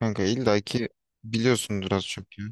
Kanka illaki biliyorsundur az çok ya.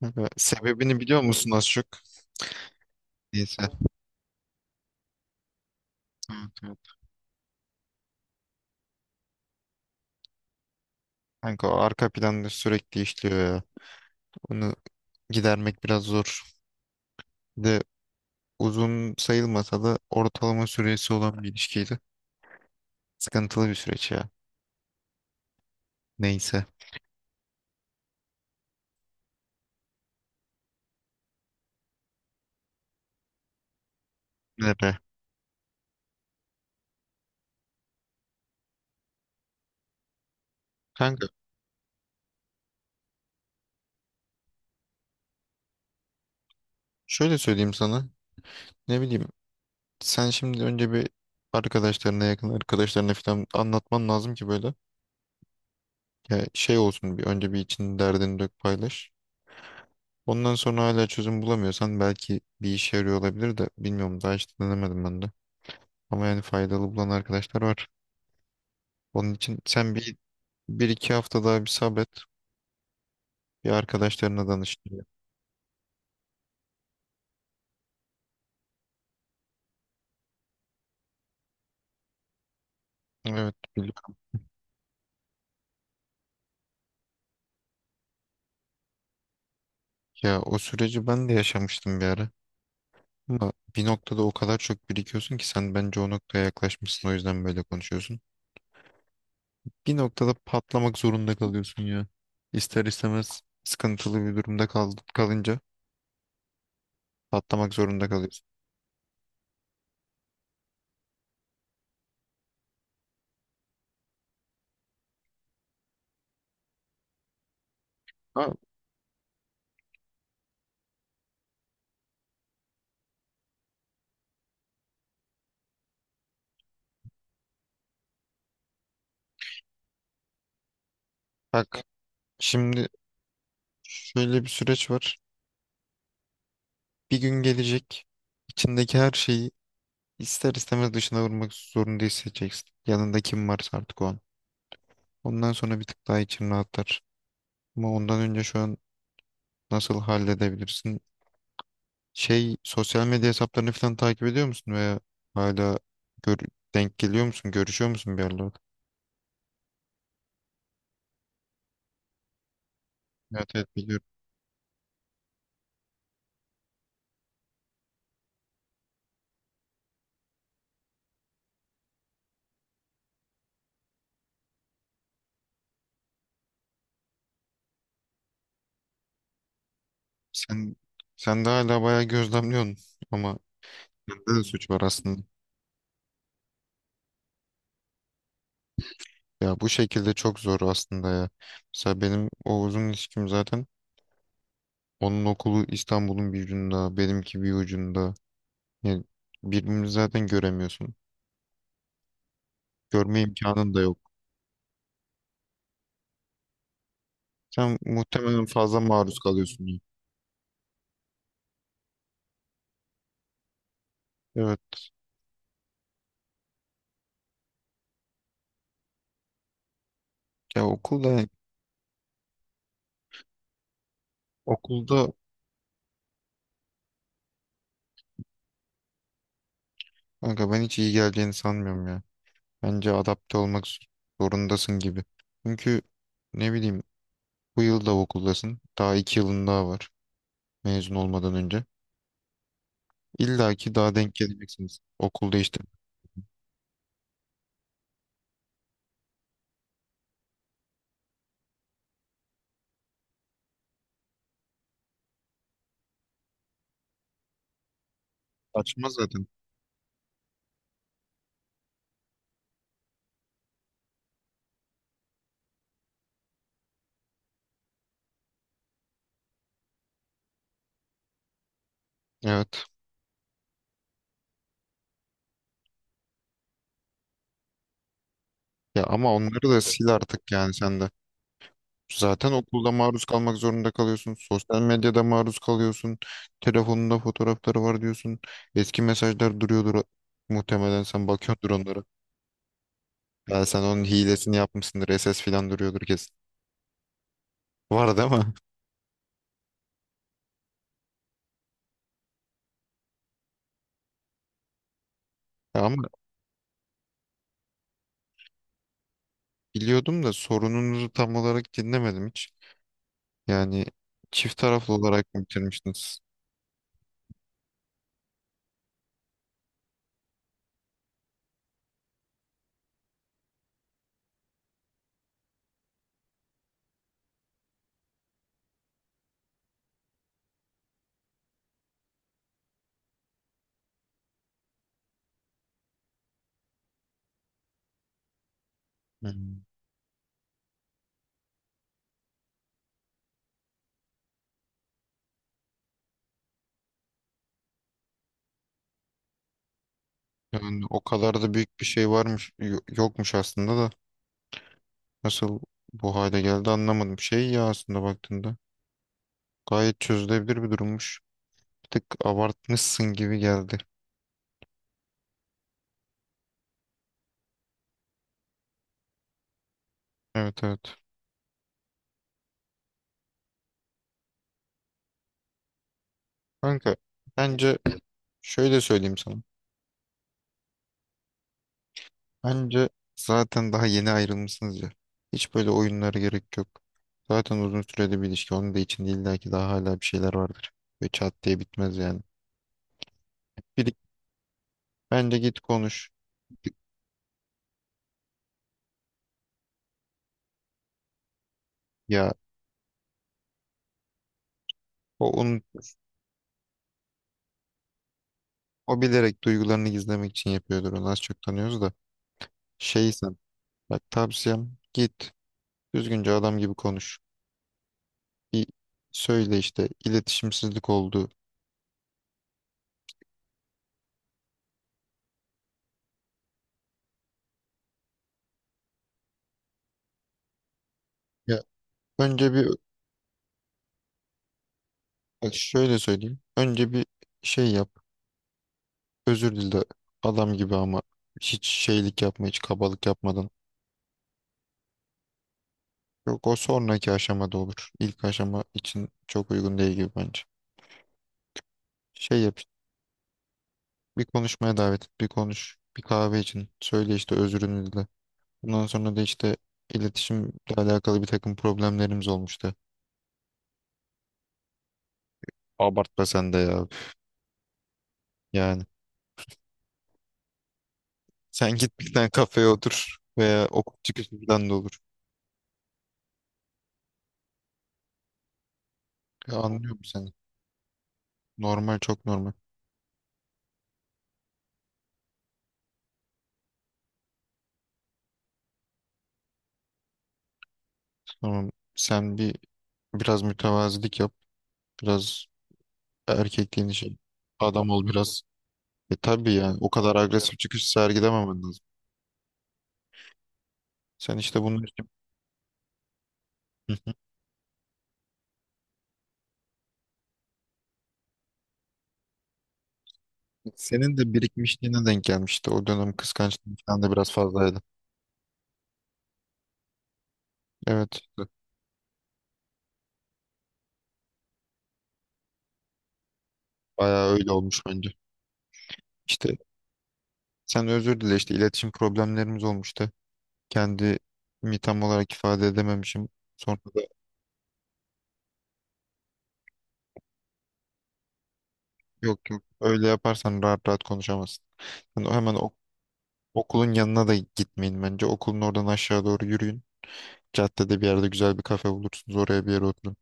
Kanka, sebebini biliyor musun az çok? Neyse. Evet, evet. Kanka o arka planda sürekli işliyor ya. Onu gidermek biraz zor. Bir de uzun sayılmasa da ortalama süresi olan bir ilişkiydi. Sıkıntılı bir süreç ya. Neyse. Ne be. Kanka şöyle söyleyeyim sana. Ne bileyim. Sen şimdi önce bir yakın arkadaşlarına falan anlatman lazım ki böyle. Ya şey olsun bir önce bir için derdini dök paylaş. Ondan sonra hala çözüm bulamıyorsan belki bir işe yarıyor olabilir de bilmiyorum daha hiç denemedim ben de. Ama yani faydalı bulan arkadaşlar var. Onun için sen bir iki hafta daha bir sabret. Bir arkadaşlarına danış diye. Evet biliyorum. Ya o süreci ben de yaşamıştım bir ara. Ama bir noktada o kadar çok birikiyorsun ki sen bence o noktaya yaklaşmışsın o yüzden böyle konuşuyorsun. Bir noktada patlamak zorunda kalıyorsun ya. İster istemez sıkıntılı bir durumda kalınca patlamak zorunda kalıyorsun. Ama bak, şimdi şöyle bir süreç var. Bir gün gelecek. İçindeki her şeyi ister istemez dışına vurmak zorunda hissedeceksin. Yanında kim varsa artık o an. Ondan sonra bir tık daha için rahatlar. Ama ondan önce şu an nasıl halledebilirsin? Şey, sosyal medya hesaplarını falan takip ediyor musun veya hala gör- denk geliyor musun? Görüşüyor musun bir yerlerde? Evet, evet biliyorum. Sen, sen de hala bayağı gözlemliyorsun ama sende de suç var aslında. Ya bu şekilde çok zor aslında ya. Mesela benim o ilişkim zaten onun okulu İstanbul'un bir ucunda, benimki bir ucunda. Yani birbirini zaten göremiyorsun. Görme imkanın da yok. Sen muhtemelen fazla maruz kalıyorsun ya. Evet. Ya okulda kanka ben hiç iyi geleceğini sanmıyorum ya. Bence adapte olmak zorundasın gibi. Çünkü ne bileyim bu yıl da okuldasın. Daha 2 yılın daha var mezun olmadan önce. İlla ki daha denk geleceksiniz. Okul değiştirmek saçma zaten. Evet. Ya ama onları da sil artık yani sen de. Zaten okulda maruz kalmak zorunda kalıyorsun. Sosyal medyada maruz kalıyorsun. Telefonunda fotoğrafları var diyorsun. Eski mesajlar duruyordur. Muhtemelen sen bakıyordur onlara. Ya sen onun hilesini yapmışsındır. SS falan duruyordur kesin. Var değil mi? Ya ama biliyordum da sorununuzu tam olarak dinlemedim hiç. Yani çift taraflı olarak mı bitirmiştiniz? Hmm. Yani o kadar da büyük bir şey varmış, yokmuş aslında da. Nasıl bu hale geldi anlamadım. Şey ya aslında baktığında gayet çözülebilir bir durummuş. Bir tık abartmışsın gibi geldi. Evet, evet. Kanka bence şöyle söyleyeyim sana. Bence zaten daha yeni ayrılmışsınız ya. Hiç böyle oyunlara gerek yok. Zaten uzun süreli bir ilişki. Onun da içinde illa ki daha hala bir şeyler vardır. Ve çat diye bitmez yani. Bir, bence git konuş. Ya o, onun, o bilerek duygularını gizlemek için yapıyordur. Onu az çok tanıyoruz da. Şey sen. Bak tavsiyem git. Düzgünce adam gibi konuş. Bir söyle işte iletişimsizlik oldu. Ya önce bir bak şöyle söyleyeyim. Önce bir şey yap. Özür dile adam gibi ama hiç şeylik yapma, hiç kabalık yapmadan. Yok, o sonraki aşamada olur. İlk aşama için çok uygun değil gibi bence. Şey yap işte, bir konuşmaya davet et, bir konuş. Bir kahve için söyle işte özrünü dile. Bundan sonra da işte iletişimle alakalı bir takım problemlerimiz olmuştu. Abartma sen de ya. Yani. Sen git bir tane kafeye otur veya okul çıkışından da olur. Ya anlıyorum seni. Normal, çok normal. Tamam sen bir biraz mütevazilik yap. Biraz erkekliğini şey. Adam ol biraz. E tabii yani o kadar agresif çıkış sergilememen lazım. Sen işte bunun için Hı. senin de birikmişliğine denk gelmişti. O dönem kıskançlığın falan da biraz fazlaydı. Evet işte bayağı öyle olmuş bence. İşte sen özür dile işte iletişim problemlerimiz olmuştu. Kendimi tam olarak ifade edememişim. Sonra da. Yok, yok. Öyle yaparsan rahat rahat konuşamazsın. Yani hemen okulun yanına da gitmeyin bence. Okulun oradan aşağı doğru yürüyün. Caddede bir yerde güzel bir kafe bulursunuz. Oraya bir yere oturun.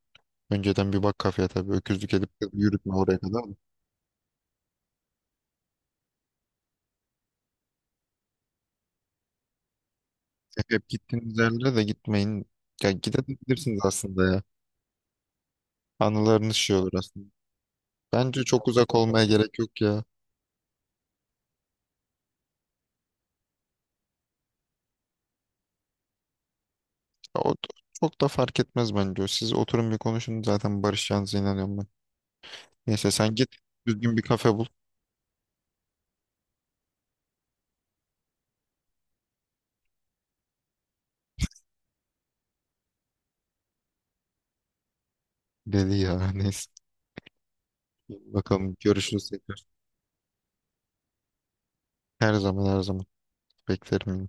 Önceden bir bak kafeye tabii. Öküzlük edip yürütme oraya kadar da. Hep gittiğiniz yerlere de gitmeyin. Ya gidebilirsiniz aslında ya. Anılarınız şey olur aslında. Bence çok uzak olmaya gerek yok ya. Ya O da- çok da fark etmez bence. O. Siz oturun bir konuşun zaten barışacağınıza inanıyorum ben. Neyse sen git düzgün bir kafe bul. Deli ya neyse. Bakalım görüşürüz tekrar. Her zaman, her zaman beklerim yine.